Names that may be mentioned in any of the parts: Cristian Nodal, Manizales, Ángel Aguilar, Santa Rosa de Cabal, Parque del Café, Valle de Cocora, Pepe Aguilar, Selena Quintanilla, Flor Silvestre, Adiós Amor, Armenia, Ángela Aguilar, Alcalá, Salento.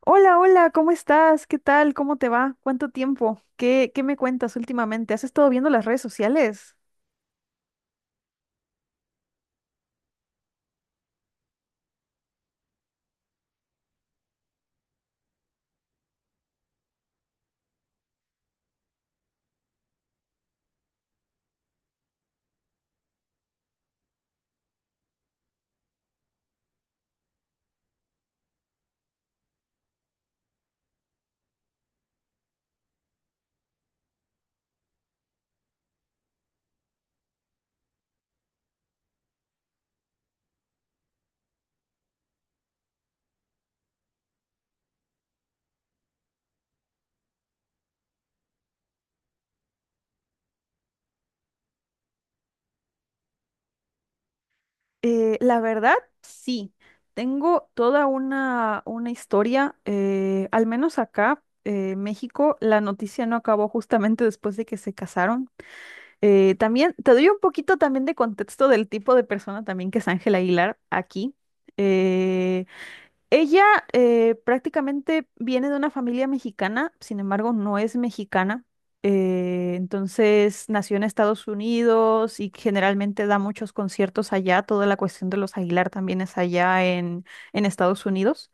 Hola, hola, ¿cómo estás? ¿Qué tal? ¿Cómo te va? ¿Cuánto tiempo? ¿Qué me cuentas últimamente? ¿Has estado viendo las redes sociales? La verdad, sí. Tengo toda una historia, al menos acá, México, la noticia no acabó justamente después de que se casaron. También te doy un poquito también de contexto del tipo de persona también que es Ángela Aguilar aquí. Eh, Ella prácticamente viene de una familia mexicana, sin embargo, no es mexicana. Entonces nació en Estados Unidos y generalmente da muchos conciertos allá. Toda la cuestión de los Aguilar también es allá en Estados Unidos.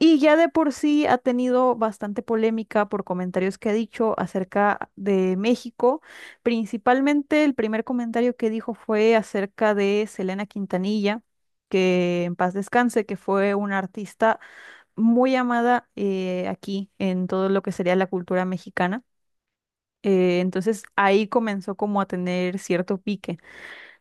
Y ya de por sí ha tenido bastante polémica por comentarios que ha dicho acerca de México. Principalmente el primer comentario que dijo fue acerca de Selena Quintanilla, que en paz descanse, que fue una artista muy amada, aquí en todo lo que sería la cultura mexicana. Entonces ahí comenzó como a tener cierto pique.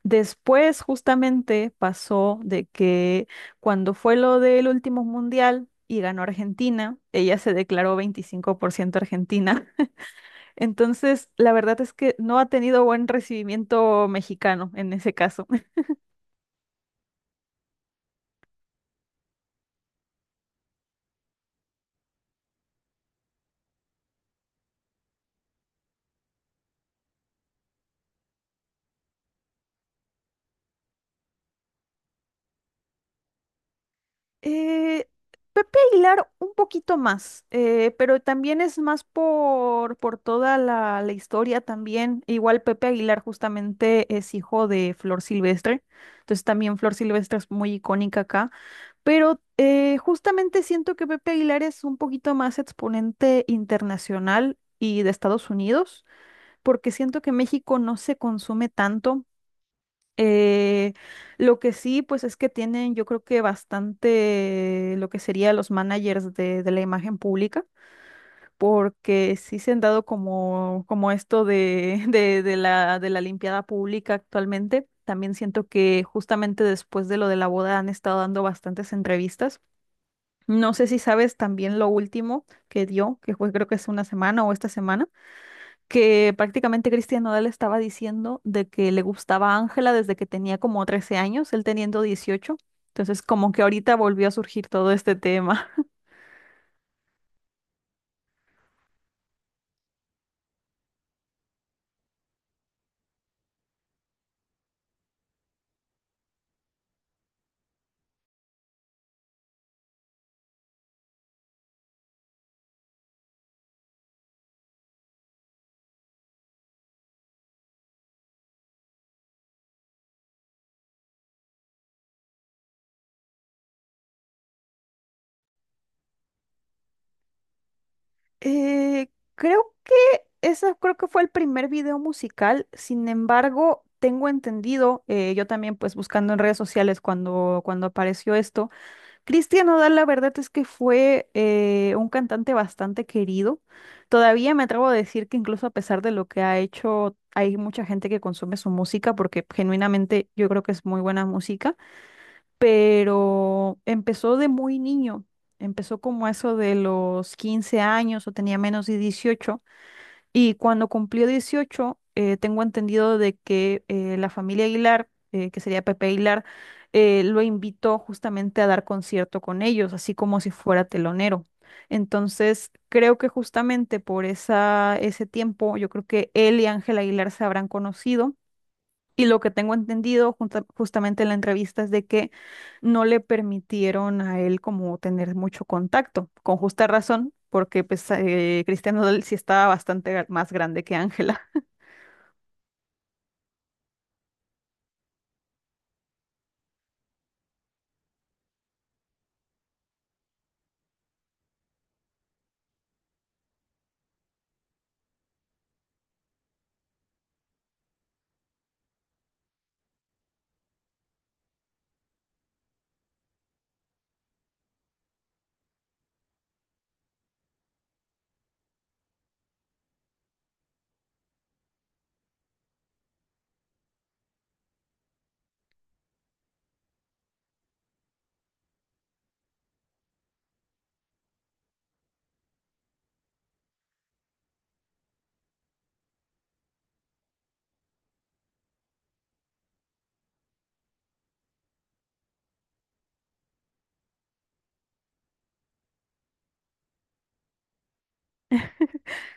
Después justamente pasó de que cuando fue lo del último mundial y ganó Argentina, ella se declaró 25% argentina. Entonces la verdad es que no ha tenido buen recibimiento mexicano en ese caso. Eh, Pepe Aguilar un poquito más, pero también es más por toda la historia también. Igual Pepe Aguilar justamente es hijo de Flor Silvestre, entonces también Flor Silvestre es muy icónica acá, pero justamente siento que Pepe Aguilar es un poquito más exponente internacional y de Estados Unidos, porque siento que México no se consume tanto. Eh, lo que sí, pues es que tienen, yo creo que bastante lo que sería los managers de la imagen pública, porque sí se han dado como, como esto de, de de la limpiada pública actualmente. También siento que justamente después de lo de la boda han estado dando bastantes entrevistas. No sé si sabes también lo último que dio, que fue creo que es una semana o esta semana que prácticamente Cristian Nodal estaba diciendo de que le gustaba Ángela desde que tenía como 13 años, él teniendo 18. Entonces, como que ahorita volvió a surgir todo este tema. Creo que ese creo que fue el primer video musical. Sin embargo, tengo entendido, yo también pues buscando en redes sociales cuando apareció esto. Cristian Nodal, la verdad es que fue un cantante bastante querido. Todavía me atrevo a decir que incluso a pesar de lo que ha hecho, hay mucha gente que consume su música porque genuinamente yo creo que es muy buena música, pero empezó de muy niño. Empezó como eso de los 15 años o tenía menos de 18. Y cuando cumplió 18, tengo entendido de que la familia Aguilar, que sería Pepe Aguilar, lo invitó justamente a dar concierto con ellos, así como si fuera telonero. Entonces, creo que justamente por ese tiempo, yo creo que él y Ángel Aguilar se habrán conocido, y lo que tengo entendido justamente en la entrevista es de que no le permitieron a él como tener mucho contacto, con justa razón, porque pues, Cristian Nodal sí estaba más grande que Ángela.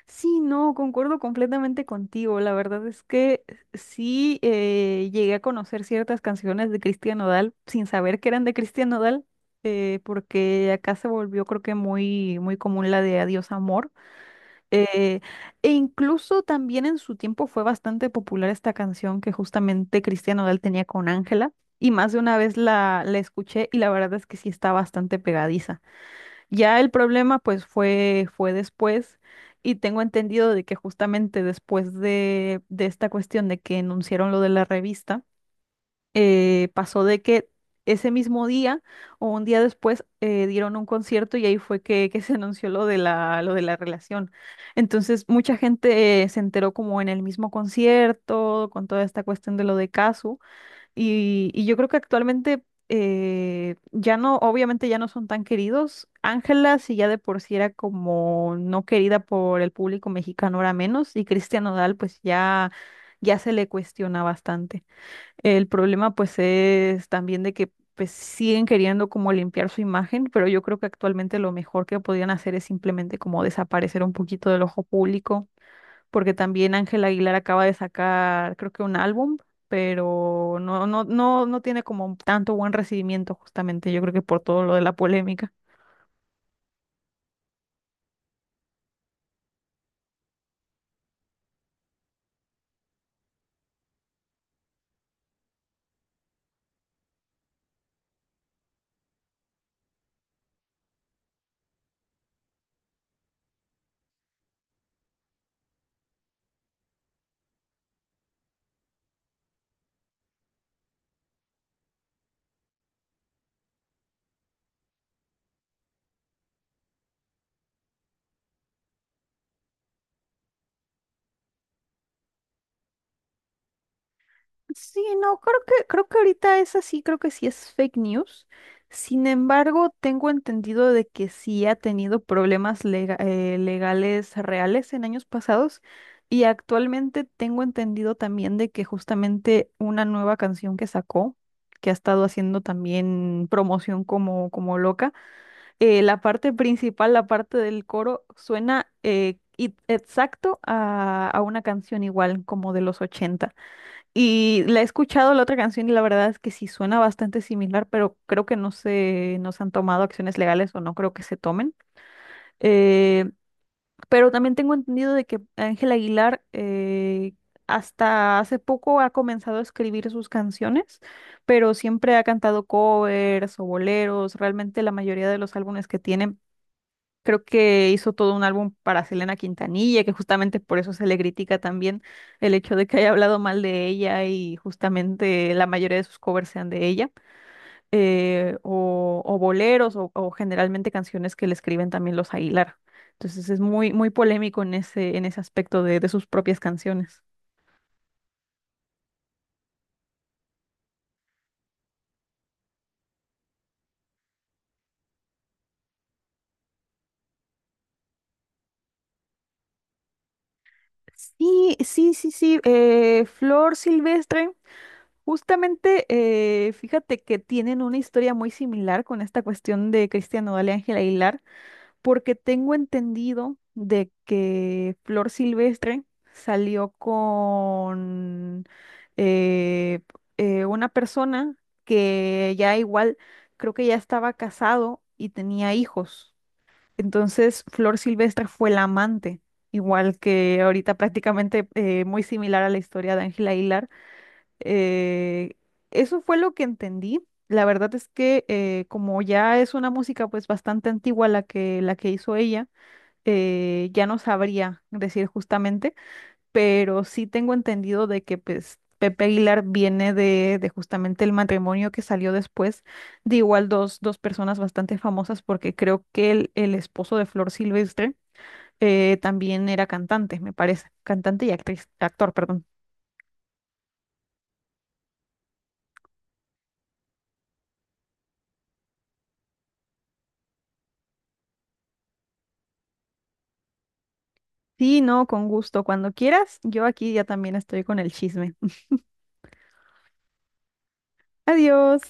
Sí, no, concuerdo completamente contigo. La verdad es que sí, llegué a conocer ciertas canciones de Cristian Nodal sin saber que eran de Cristian Nodal, porque acá se volvió creo que muy, muy común la de Adiós Amor. Eh, E incluso también en su tiempo fue bastante popular esta canción que justamente Cristian Nodal tenía con Ángela, y más de una vez la escuché y la verdad es que sí está bastante pegadiza. Ya el problema pues fue, fue después y tengo entendido de que justamente después de esta cuestión de que enunciaron lo de la revista, pasó de que ese mismo día o un día después, dieron un concierto y ahí fue que se anunció lo de lo de la relación. Entonces mucha gente, se enteró como en el mismo concierto, con toda esta cuestión de lo de Casu y yo creo que actualmente ya no, obviamente ya no son tan queridos. Ángela, si ya de por sí era como no querida por el público mexicano, ahora menos. Y Cristian Nodal, pues ya, ya se le cuestiona bastante. El problema pues es también de que pues siguen queriendo como limpiar su imagen, pero yo creo que actualmente lo mejor que podían hacer es simplemente como desaparecer un poquito del ojo público, porque también Ángela Aguilar acaba de sacar creo que un álbum, pero no tiene como tanto buen recibimiento justamente, yo creo que por todo lo de la polémica. Sí, no, creo que ahorita es así, creo que sí es fake news. Sin embargo, tengo entendido de que sí ha tenido problemas legales reales en años pasados, y actualmente tengo entendido también de que justamente una nueva canción que sacó, que ha estado haciendo también promoción como, como loca, la parte principal, la parte del coro, suena exacto a una canción igual como de los 80. Y la he escuchado la otra canción y la verdad es que sí suena bastante similar, pero creo que no se han tomado acciones legales o no creo que se tomen. Eh, pero también tengo entendido de que Ángel Aguilar, hasta hace poco ha comenzado a escribir sus canciones, pero siempre ha cantado covers o boleros. Realmente la mayoría de los álbumes que tiene. Creo que hizo todo un álbum para Selena Quintanilla, que justamente por eso se le critica también el hecho de que haya hablado mal de ella y justamente la mayoría de sus covers sean de ella, o boleros o generalmente canciones que le escriben también los Aguilar. Entonces es muy, muy polémico en en ese aspecto de sus propias canciones. Sí, sí, sí, sí. Flor Silvestre, justamente, fíjate que tienen una historia muy similar con esta cuestión de Cristian Nodal y Ángela Aguilar, porque tengo entendido de que Flor Silvestre salió con eh, una persona que ya igual, creo que ya estaba casado y tenía hijos. Entonces, Flor Silvestre fue la amante, igual que ahorita prácticamente, muy similar a la historia de Ángela Hilar. Eh, Eso fue lo que entendí. La verdad es que, como ya es una música pues bastante antigua la que hizo ella, ya no sabría decir justamente, pero sí tengo entendido de que pues Pepe Aguilar viene de justamente el matrimonio que salió después de igual dos personas bastante famosas, porque creo que el esposo de Flor Silvestre, también era cantante, me parece, cantante y actriz, actor, perdón. Sí, no, con gusto. Cuando quieras, yo aquí ya también estoy con el chisme. Adiós.